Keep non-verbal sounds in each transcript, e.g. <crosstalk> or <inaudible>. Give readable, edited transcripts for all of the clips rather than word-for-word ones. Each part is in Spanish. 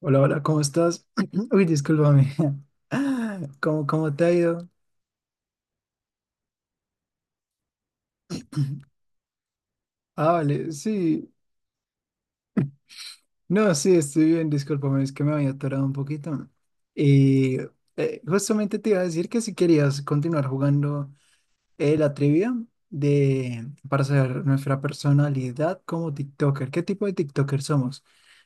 Hola, hola, ¿cómo estás? <clears throat> Uy, discúlpame. <laughs> ¿Cómo te ha ido? Ah, vale, sí. No, sí, estoy bien, discúlpame, es que me había atorado un poquito. Y justamente te iba a decir que si querías continuar jugando la trivia de, para saber nuestra personalidad como TikToker, qué tipo de TikToker somos.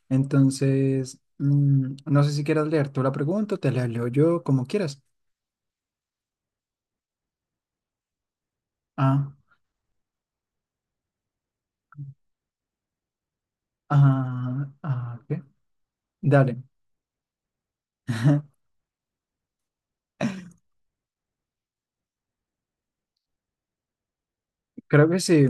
Entonces, no sé si quieras leer tú la pregunta, te la leo yo, como quieras. Ah, ok. Dale. <laughs> Creo que sí.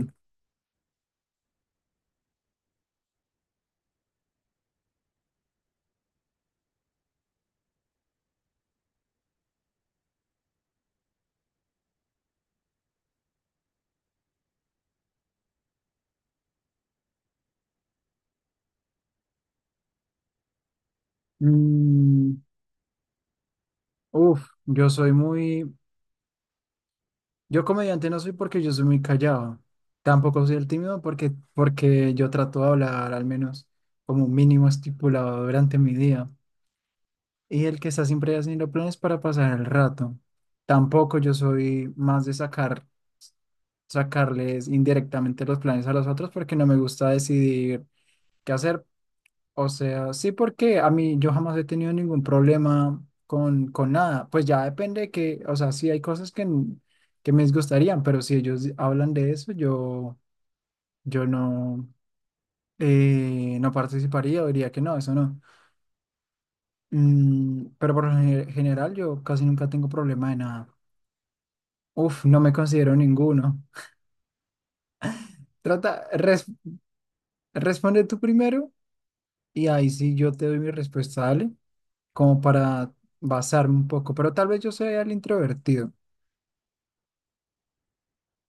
Mm, uf, yo soy yo comediante no soy porque yo soy muy callado. Tampoco soy el tímido porque yo trato de hablar al menos como un mínimo estipulado durante mi día. Y el que está siempre haciendo planes para pasar el rato. Tampoco yo soy más de sacarles indirectamente los planes a los otros porque no me gusta decidir qué hacer. O sea, sí, porque a mí yo jamás he tenido ningún problema con nada. Pues ya depende que, o sea, sí hay cosas que me disgustarían, pero si ellos hablan de eso, yo no, no participaría o diría que no, eso no. Mm, pero por general yo casi nunca tengo problema de nada. Uf, no me considero ninguno. Trata, res- responde tú primero y ahí sí yo te doy mi respuesta, dale, como para basarme un poco, pero tal vez yo sea el introvertido.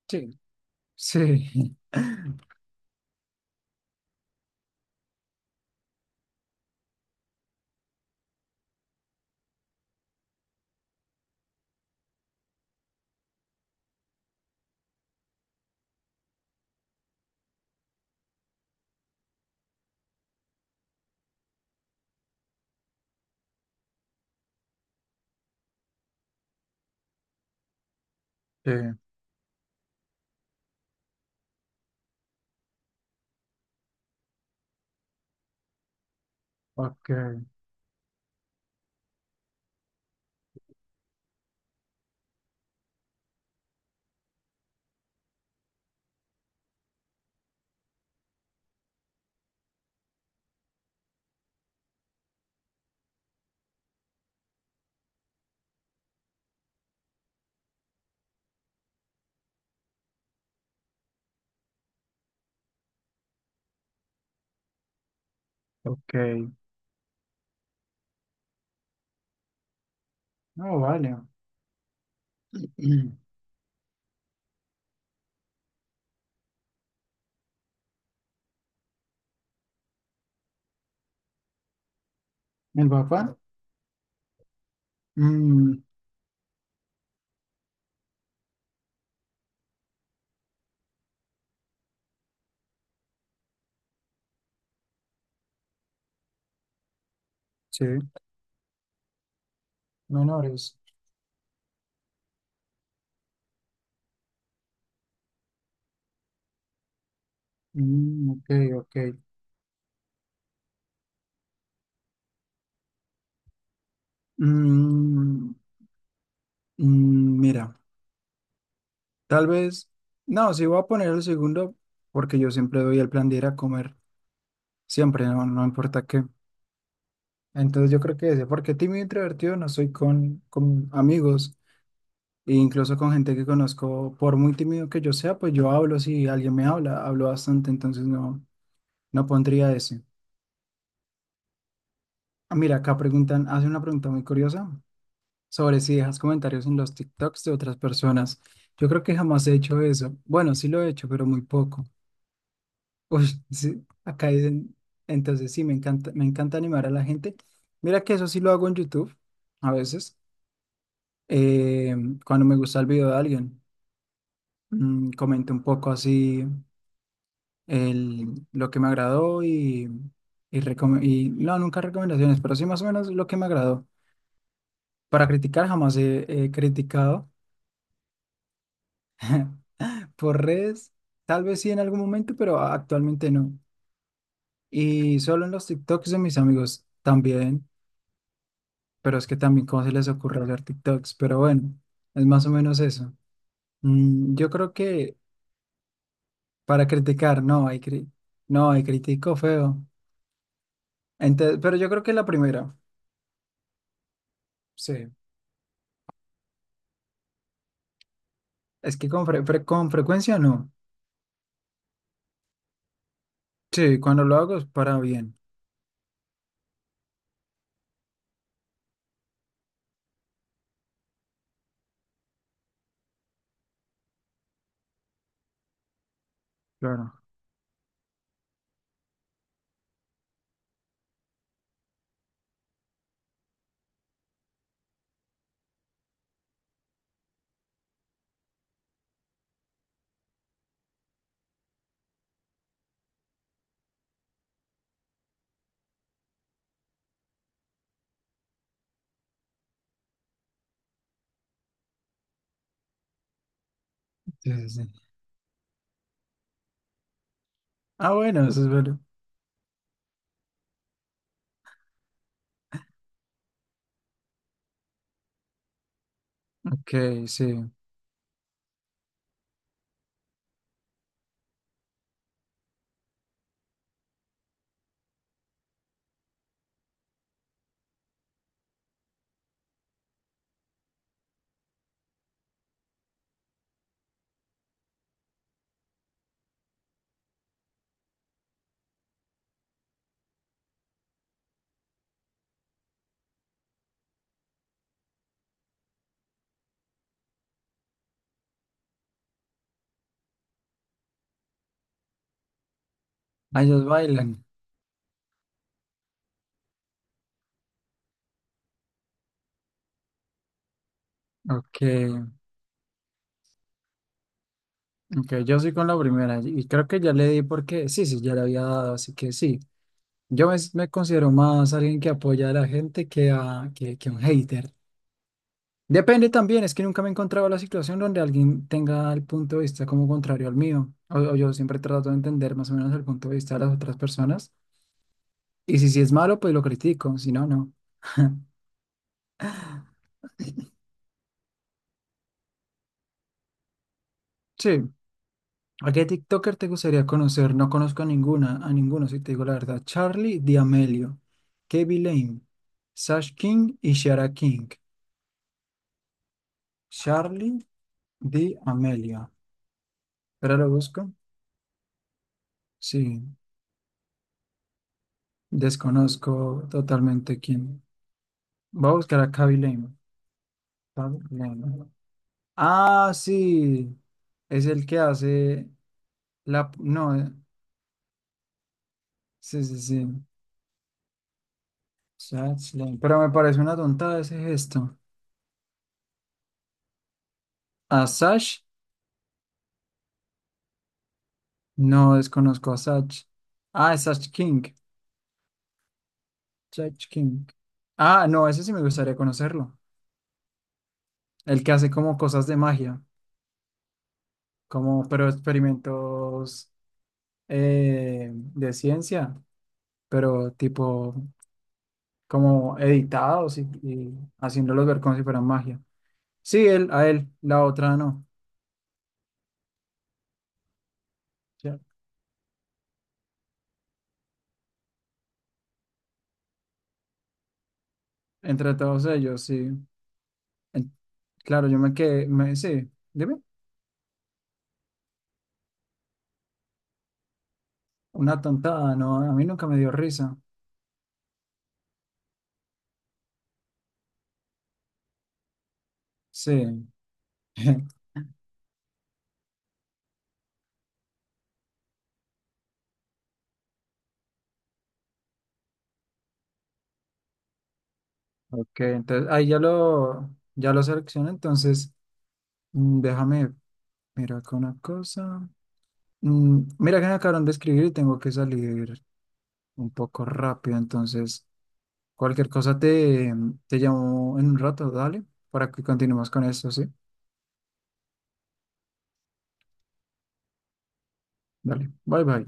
Sí, sí, <laughs> sí, ok, ok. No, vale. <clears throat> El papá, mm, sí, menores. Mm, ok, ok. Mm, mira, tal vez, no, sí voy a poner el segundo porque yo siempre doy el plan de ir a comer, siempre, no importa qué. Entonces yo creo que ese, porque tímido e introvertido no soy con amigos. E incluso con gente que conozco, por muy tímido que yo sea, pues yo hablo si alguien me habla, hablo bastante, entonces no pondría ese. Ah, mira, acá preguntan, hace una pregunta muy curiosa sobre si dejas comentarios en los TikToks de otras personas. Yo creo que jamás he hecho eso. Bueno, sí lo he hecho, pero muy poco. <laughs> Uy, sí, acá dicen, entonces sí, me encanta animar a la gente. Mira que eso sí lo hago en YouTube a veces. eh, cuando me gusta el video de alguien, comento un poco así lo que me agradó nunca recomendaciones, pero sí más o menos lo que me agradó. Para criticar jamás he, he criticado <laughs> por redes, tal vez sí en algún momento, pero actualmente no. Y solo en los TikToks de mis amigos también, pero es que también cómo se les ocurre hacer TikToks, pero bueno, es más o menos eso. Mm, yo creo que para criticar, no, hay, cri- no, hay critico feo. Pero yo creo que la primera, sí. Es que con frecuencia no. Sí, cuando lo hago es para bien, claro. Sí, sí, sí. Ah, bueno, eso es bueno. Ok, sí. Ah, ellos bailan. Ok, ok, yo soy con la primera y creo que ya le di porque sí, sí, ya le había dado, así que sí. Me considero más alguien que apoya a la gente que un hater. Depende también, es que nunca me he encontrado la situación donde alguien tenga el punto de vista como contrario al mío. O yo siempre trato de entender más o menos el punto de vista de las otras personas. Y si es malo, pues lo critico, si no, no. <laughs> Sí. ¿A qué TikToker te gustaría conocer? No conozco a ninguna, a ninguno, si te digo la verdad. Charlie D'Amelio, Kevin Lane, Sash King y Shara King. Charlie D'Amelio. Espera, lo busco. Sí, desconozco totalmente quién. Voy a buscar a Kevin Lane. Kevin Lane. Ah, sí. Es el que hace la... No, sí, sí, sí. Sash Lane. Pero me parece una tontada ese gesto. ¿A Sash? No desconozco a Sash. Ah, es Sash King. Sash King. Ah, no, ese sí me gustaría conocerlo. El que hace como cosas de magia, como pero experimentos de ciencia, pero tipo como editados y haciéndolos ver como si fueran magia. Sí, él, a él, la otra no. Ya. Entre todos ellos, sí. En- claro, yo me quedé, me, sí. Dime. Una tontada, no, a mí nunca me dio risa. Sí. <laughs> Ok, entonces ya lo seleccioné, entonces mm, déjame, mira acá una cosa. Mm, mira que me acabaron de escribir y tengo que salir un poco rápido, entonces cualquier cosa te, te llamo en un rato, dale, para que continuemos con esto, ¿sí? Dale, bye bye.